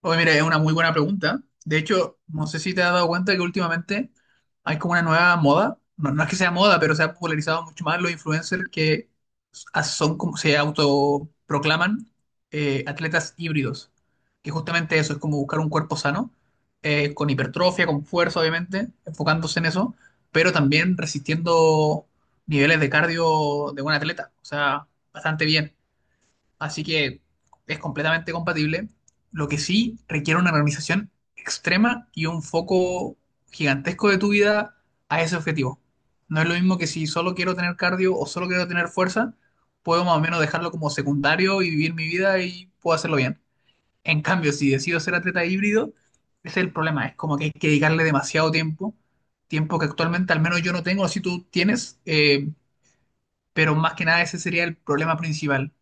Oye, mira, es una muy buena pregunta. De hecho, no sé si te has dado cuenta que últimamente hay como una nueva moda. No, no es que sea moda, pero se ha popularizado mucho más los influencers que son como se autoproclaman atletas híbridos. Que justamente eso es como buscar un cuerpo sano, con hipertrofia, con fuerza, obviamente, enfocándose en eso, pero también resistiendo niveles de cardio de un atleta. O sea, bastante bien. Así que es completamente compatible. Lo que sí requiere una organización extrema y un foco gigantesco de tu vida a ese objetivo. No es lo mismo que si solo quiero tener cardio o solo quiero tener fuerza, puedo más o menos dejarlo como secundario y vivir mi vida y puedo hacerlo bien. En cambio, si decido ser atleta híbrido, ese es el problema. Es como que hay que dedicarle demasiado tiempo, tiempo que actualmente al menos yo no tengo, si tú tienes, pero más que nada ese sería el problema principal.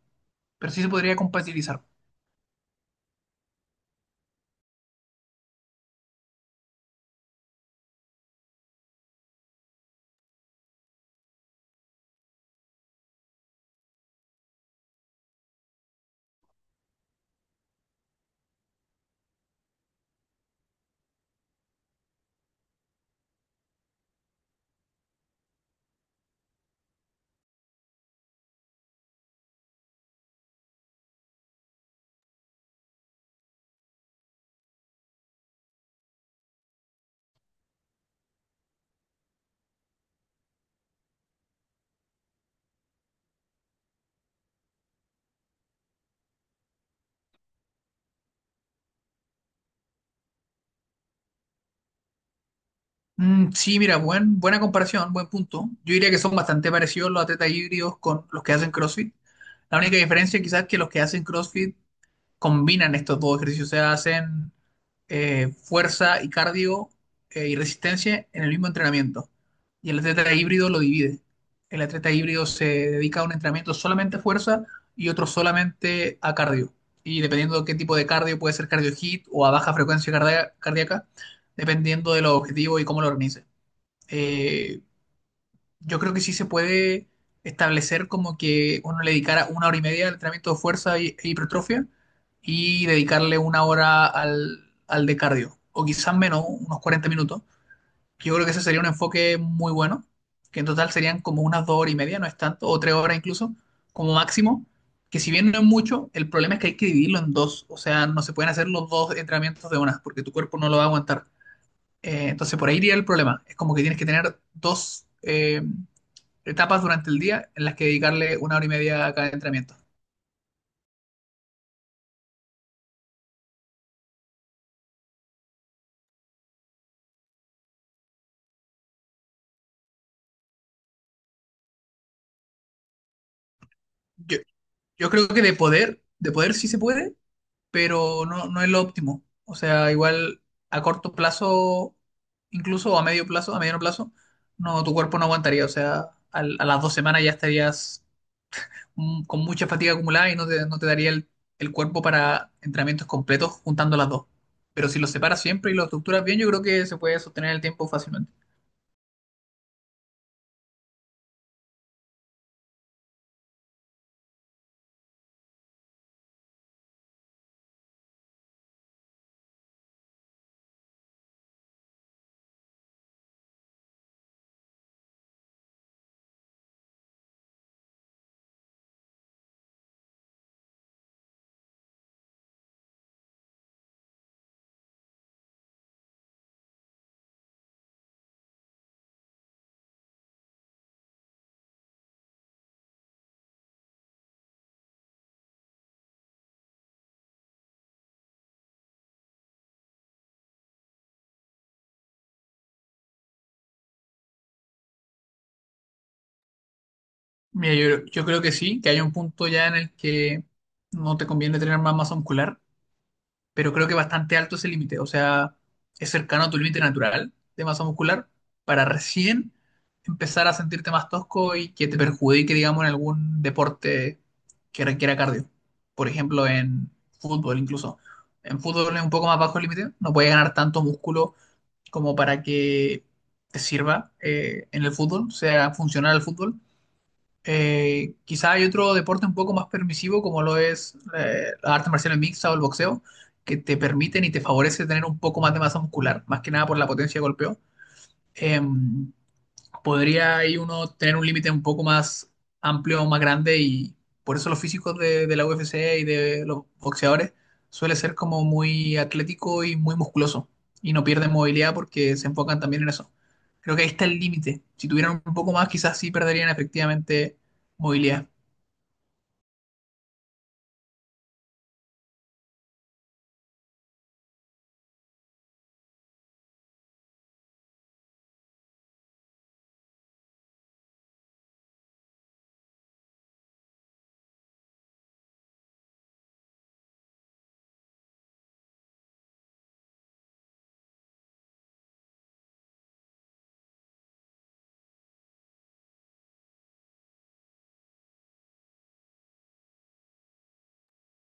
Pero sí se podría compatibilizar. Mm, sí, mira, buena comparación, buen punto. Yo diría que son bastante parecidos los atletas híbridos con los que hacen CrossFit. La única diferencia quizás es que los que hacen CrossFit combinan estos dos ejercicios, o sea, hacen fuerza y cardio y resistencia en el mismo entrenamiento. Y el atleta híbrido lo divide. El atleta híbrido se dedica a un entrenamiento solamente a fuerza y otro solamente a cardio. Y dependiendo de qué tipo de cardio, puede ser cardio hit o a baja frecuencia cardíaca, dependiendo de los objetivos y cómo lo organice. Eh, yo creo que sí se puede establecer como que uno le dedicara una hora y media al entrenamiento de fuerza e hipertrofia y dedicarle una hora al, al de cardio, o quizás menos, unos 40 minutos. Yo creo que ese sería un enfoque muy bueno, que en total serían como unas dos horas y media, no es tanto, o tres horas incluso, como máximo, que si bien no es mucho, el problema es que hay que dividirlo en dos, o sea, no se pueden hacer los dos entrenamientos de una, porque tu cuerpo no lo va a aguantar. Entonces por ahí iría el problema, es como que tienes que tener dos... etapas durante el día en las que dedicarle una hora y media a cada entrenamiento. Yo, yo creo que de poder sí se puede, pero no, no es lo óptimo. O sea, igual a corto plazo, incluso a medio plazo, a mediano plazo, no, tu cuerpo no aguantaría. O sea, a las 2 semanas ya estarías con mucha fatiga acumulada y no te, no te daría el cuerpo para entrenamientos completos juntando las dos. Pero si los separas siempre y los estructuras bien, yo creo que se puede sostener el tiempo fácilmente. Mira, yo creo que sí, que hay un punto ya en el que no te conviene tener más masa muscular, pero creo que bastante alto es el límite, o sea, es cercano a tu límite natural de masa muscular para recién empezar a sentirte más tosco y que te perjudique, digamos, en algún deporte que requiera cardio. Por ejemplo, en fútbol incluso. En fútbol es un poco más bajo el límite, no puedes ganar tanto músculo como para que te sirva en el fútbol, sea funcional el fútbol quizá hay otro deporte un poco más permisivo como lo es la arte marcial mixta o el boxeo, que te permiten y te favorece tener un poco más de masa muscular, más que nada por la potencia de golpeo. Em, podría ahí uno tener un límite un poco más amplio, más grande y por eso los físicos de la UFC y de los boxeadores suele ser como muy atlético y muy musculoso y no pierden movilidad porque se enfocan también en eso. Creo que ahí está el límite. Si tuvieran un poco más, quizás sí perderían efectivamente movilidad.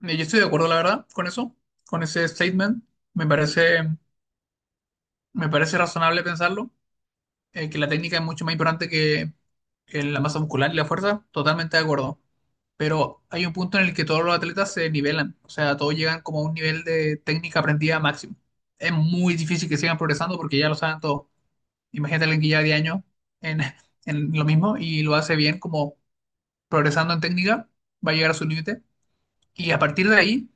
Yo estoy de acuerdo, la verdad, con eso, con ese statement. Me parece, me parece razonable pensarlo. Que la técnica es mucho más importante que la masa muscular y la fuerza, totalmente de acuerdo. Pero hay un punto en el que todos los atletas se nivelan, o sea, todos llegan como a un nivel de técnica aprendida máximo. Es muy difícil que sigan progresando porque ya lo saben todos. Imagínate a alguien que lleva 10 años en, en lo mismo y lo hace bien, como progresando en técnica, va a llegar a su límite. Y a partir de ahí,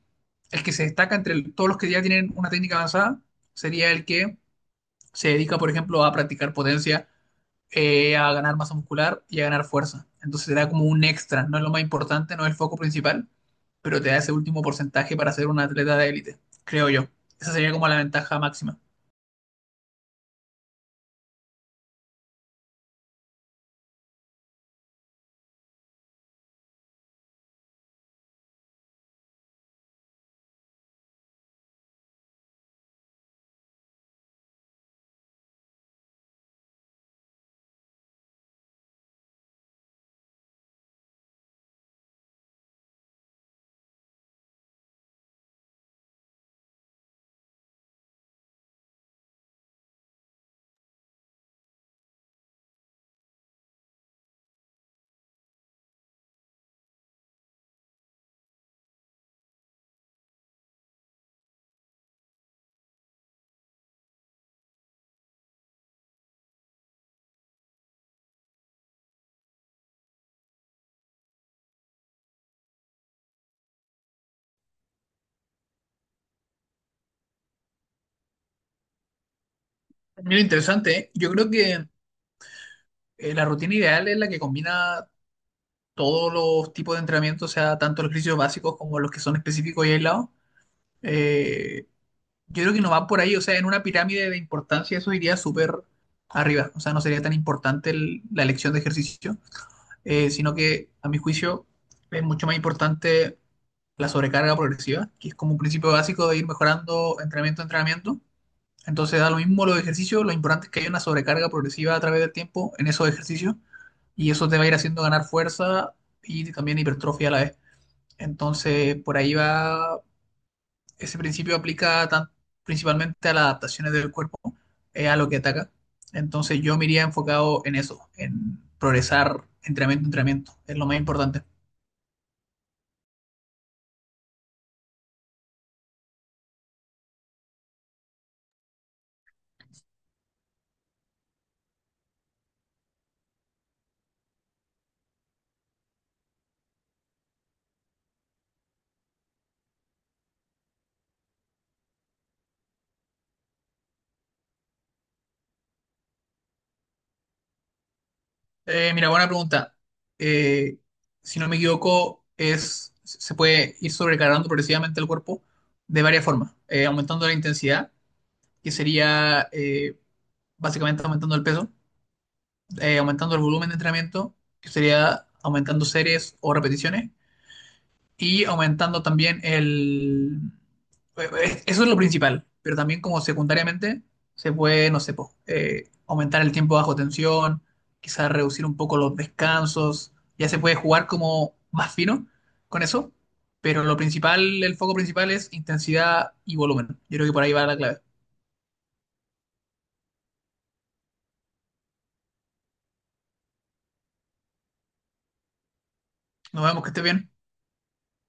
el que se destaca entre todos los que ya tienen una técnica avanzada sería el que se dedica, por ejemplo, a practicar potencia a ganar masa muscular y a ganar fuerza. Entonces te da como un extra, no es lo más importante, no es el foco principal, pero te da ese último porcentaje para ser un atleta de élite, creo yo. Esa sería como la ventaja máxima. Mira, interesante, ¿eh? Yo creo que la rutina ideal es la que combina todos los tipos de entrenamiento, o sea, tanto los ejercicios básicos como los que son específicos y aislados. Eh, yo creo que no va por ahí, o sea, en una pirámide de importancia eso iría súper arriba, o sea, no sería tan importante la elección de ejercicio sino que a mi juicio es mucho más importante la sobrecarga progresiva, que es como un principio básico de ir mejorando entrenamiento a entrenamiento. Entonces da lo mismo los ejercicios, lo importante es que haya una sobrecarga progresiva a través del tiempo en esos ejercicios y eso te va a ir haciendo ganar fuerza y también hipertrofia a la vez. Entonces por ahí va ese principio aplica principalmente a las adaptaciones del cuerpo, a lo que ataca. Entonces yo me iría enfocado en eso, en progresar entrenamiento, entrenamiento. Es lo más importante. Mira, buena pregunta. Eh, si no me equivoco, se puede ir sobrecargando progresivamente el cuerpo de varias formas. Aumentando la intensidad, que sería básicamente aumentando el peso, aumentando el volumen de entrenamiento, que sería aumentando series o repeticiones, y aumentando también el... Eso es lo principal, pero también como secundariamente se puede, no sé, po, aumentar el tiempo bajo tensión, quizás reducir un poco los descansos, ya se puede jugar como más fino con eso, pero lo principal, el foco principal es intensidad y volumen. Yo creo que por ahí va la clave. Nos vemos, que esté bien.